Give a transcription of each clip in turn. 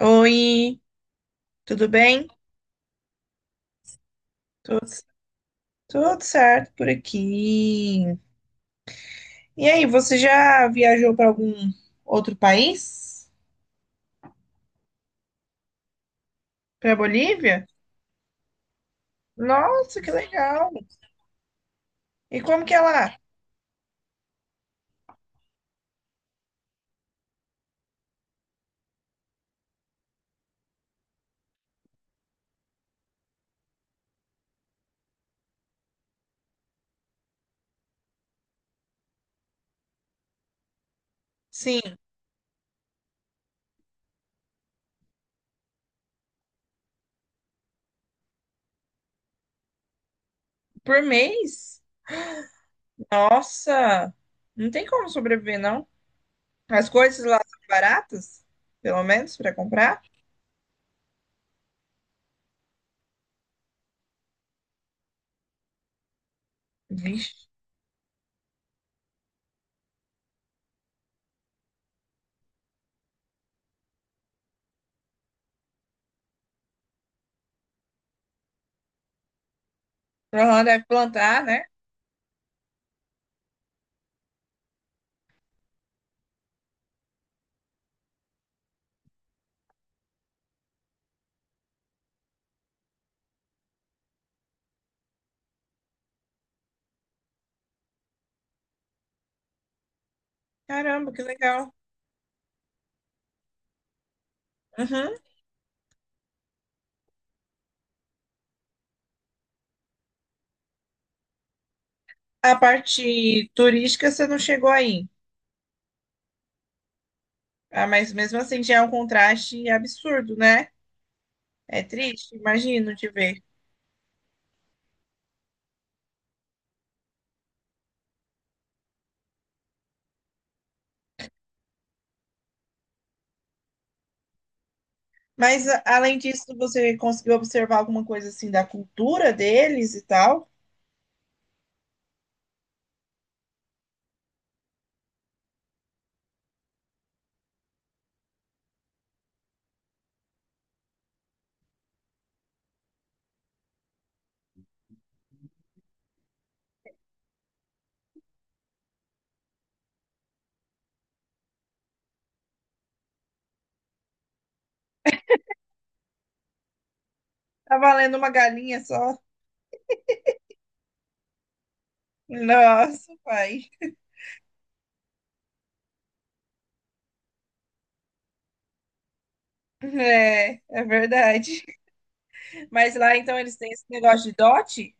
Oi, tudo bem? Tudo, tudo certo por aqui. E aí, você já viajou para algum outro país? Para Bolívia? Nossa, que legal! E como que é lá? Sim, por mês? Nossa, não tem como sobreviver, não. As coisas lá são baratas, pelo menos para comprar. Vixe, lá deve plantar, né? Caramba, que legal. Uhum. A parte turística você não chegou aí. Ah, mas mesmo assim já é um contraste absurdo, né? É triste, imagino de ver. Além disso, você conseguiu observar alguma coisa assim da cultura deles e tal? Tá valendo uma galinha só? Nossa, pai. É, é verdade. Mas lá então eles têm esse negócio de dote?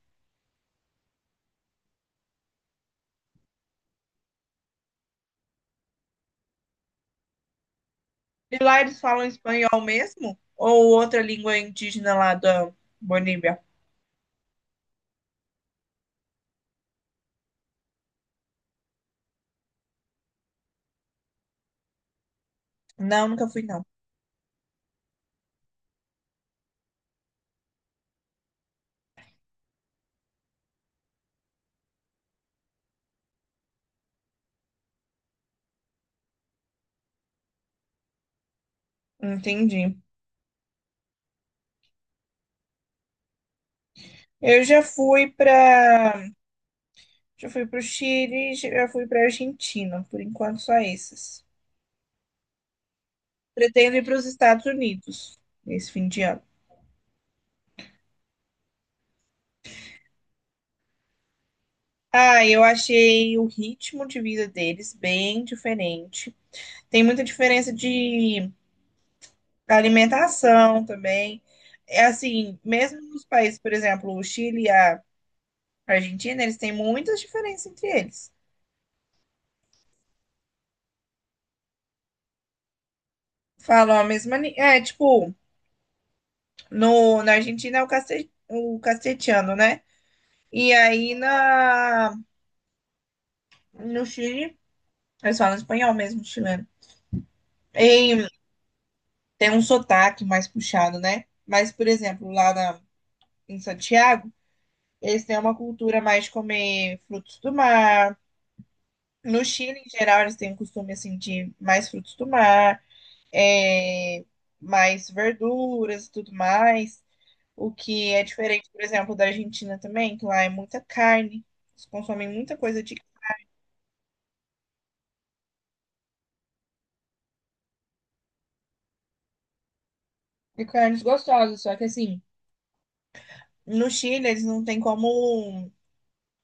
E lá eles falam espanhol mesmo? Ou outra língua indígena lá da Bolívia? Não, nunca fui, não. Entendi. Eu já fui pra. Já fui para o Chile, já fui para a Argentina. Por enquanto, só esses. Pretendo ir para os Estados Unidos nesse fim de ano. Ah, eu achei o ritmo de vida deles bem diferente. Tem muita diferença de alimentação também. É assim, mesmo nos países, por exemplo, o Chile e a Argentina, eles têm muitas diferenças entre eles. Falam a mesma. É, tipo, no, na Argentina é o o castelhano, né? E aí na, No Chile, eles falam espanhol mesmo, chileno. Em- Tem um sotaque mais puxado, né? Mas, por exemplo, em Santiago, eles têm uma cultura mais de comer frutos do mar. No Chile, em geral, eles têm um costume assim de mais frutos do mar, é, mais verduras e tudo mais. O que é diferente, por exemplo, da Argentina também, que lá é muita carne. Eles consomem muita coisa de carnes gostosas. Só que assim, no Chile, eles não têm como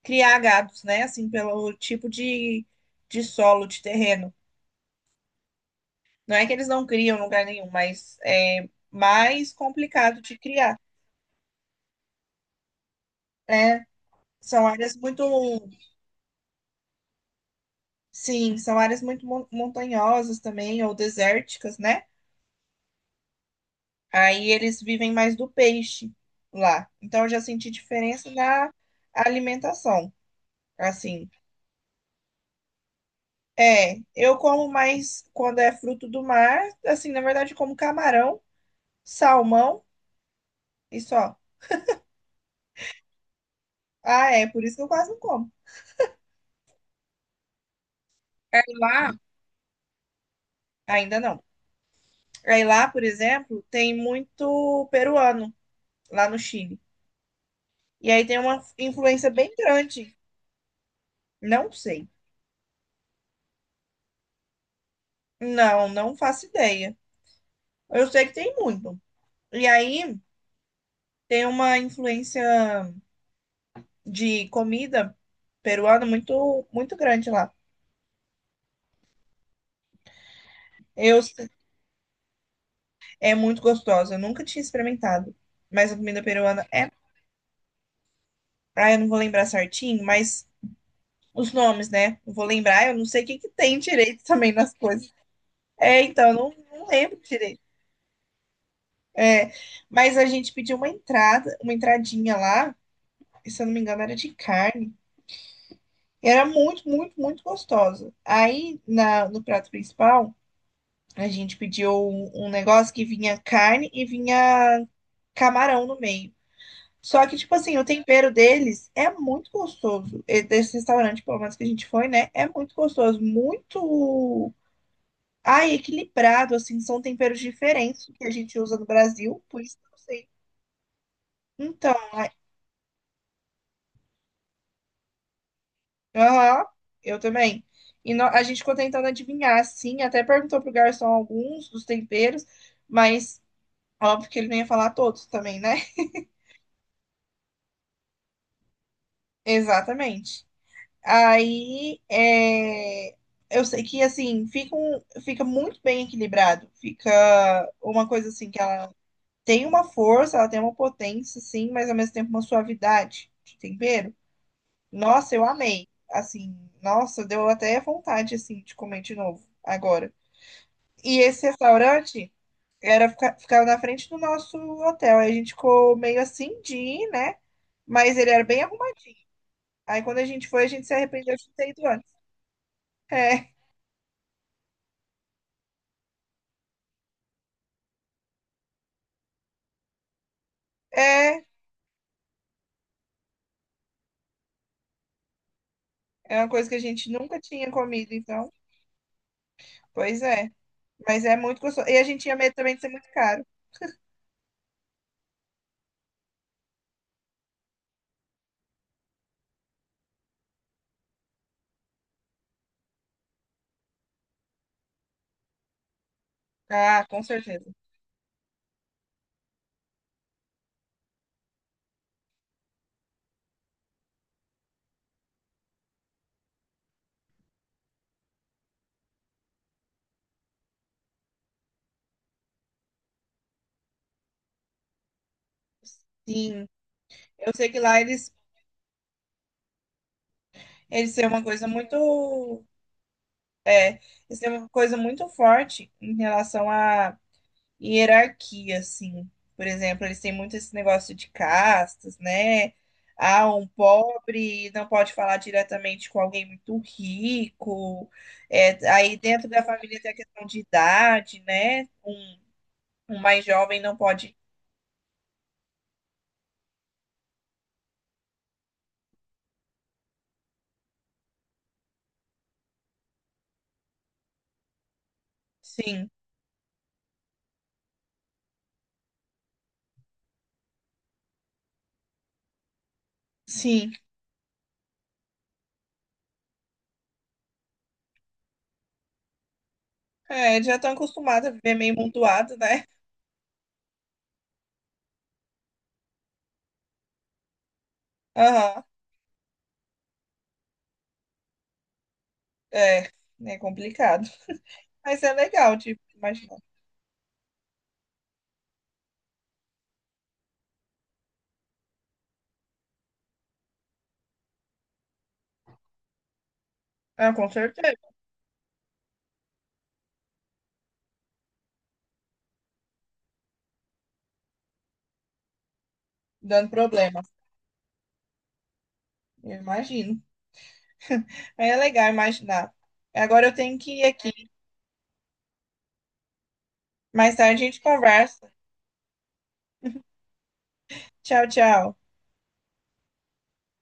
criar gados, né? Assim, pelo tipo de solo, de terreno. Não é que eles não criam em lugar nenhum, mas é mais complicado de criar. É, são áreas muito, sim, são áreas muito montanhosas também, ou desérticas, né? Aí eles vivem mais do peixe lá. Então eu já senti diferença na alimentação, assim. É, eu como mais quando é fruto do mar, assim, na verdade como camarão, salmão e só. Ah, é, por isso que eu quase não como. Aí lá, ainda não. Aí lá, por exemplo, tem muito peruano lá no Chile. E aí tem uma influência bem grande. Não sei. Não, não faço ideia. Eu sei que tem muito. E aí tem uma influência de comida peruana muito, muito grande lá. Eu, é muito gostosa. Eu nunca tinha experimentado. Mas a comida peruana é. Ah, eu não vou lembrar certinho, mas os nomes, né? Não vou lembrar, eu não sei o que, que tem direito também nas coisas. É, então, eu não, não lembro direito. É, mas a gente pediu uma entrada, uma entradinha lá, e se eu não me engano, era de carne. E era muito, muito, muito gostosa. Aí, no prato principal, a gente pediu um negócio que vinha carne e vinha camarão no meio. Só que, tipo assim, o tempero deles é muito gostoso. E desse restaurante, pelo menos que a gente foi, né? É muito gostoso, muito. Ah, e equilibrado, assim, são temperos diferentes do que a gente usa no Brasil, por isso que eu não sei. Então, aí- aham, eu também. A gente ficou tentando adivinhar, assim, até perguntou pro garçom alguns dos temperos, mas óbvio que ele não ia falar todos também, né? Exatamente. Aí, é, eu sei que, assim, fica muito bem equilibrado, fica uma coisa, assim, que ela tem uma força, ela tem uma potência, assim, mas ao mesmo tempo uma suavidade de tempero. Nossa, eu amei. Assim, nossa, deu até vontade assim de comer de novo agora. E esse restaurante ficava na frente do nosso hotel. Aí a gente ficou meio assim de ir, né? Mas ele era bem arrumadinho. Aí quando a gente foi, a gente se arrependeu de ter ido antes. É, é, é uma coisa que a gente nunca tinha comido, então. Pois é. Mas é muito gostoso. E a gente tinha medo também de ser muito caro. Ah, com certeza. Sim. Eu sei que lá eles, eles têm uma coisa muito. Isso é uma coisa muito forte em relação à hierarquia, assim. Por exemplo, eles têm muito esse negócio de castas, né? Ah, um pobre não pode falar diretamente com alguém muito rico. É, aí dentro da família tem a questão de idade, né? Um mais jovem não pode. Sim, sim. É, já estão acostumados a viver meio montuado, né? Aham, é. É complicado. Mas é legal, tipo, imaginar. Ah, com certeza. Dando problema. Eu imagino. É legal imaginar. Agora eu tenho que ir aqui. Mais tarde a gente conversa. Tchau, tchau.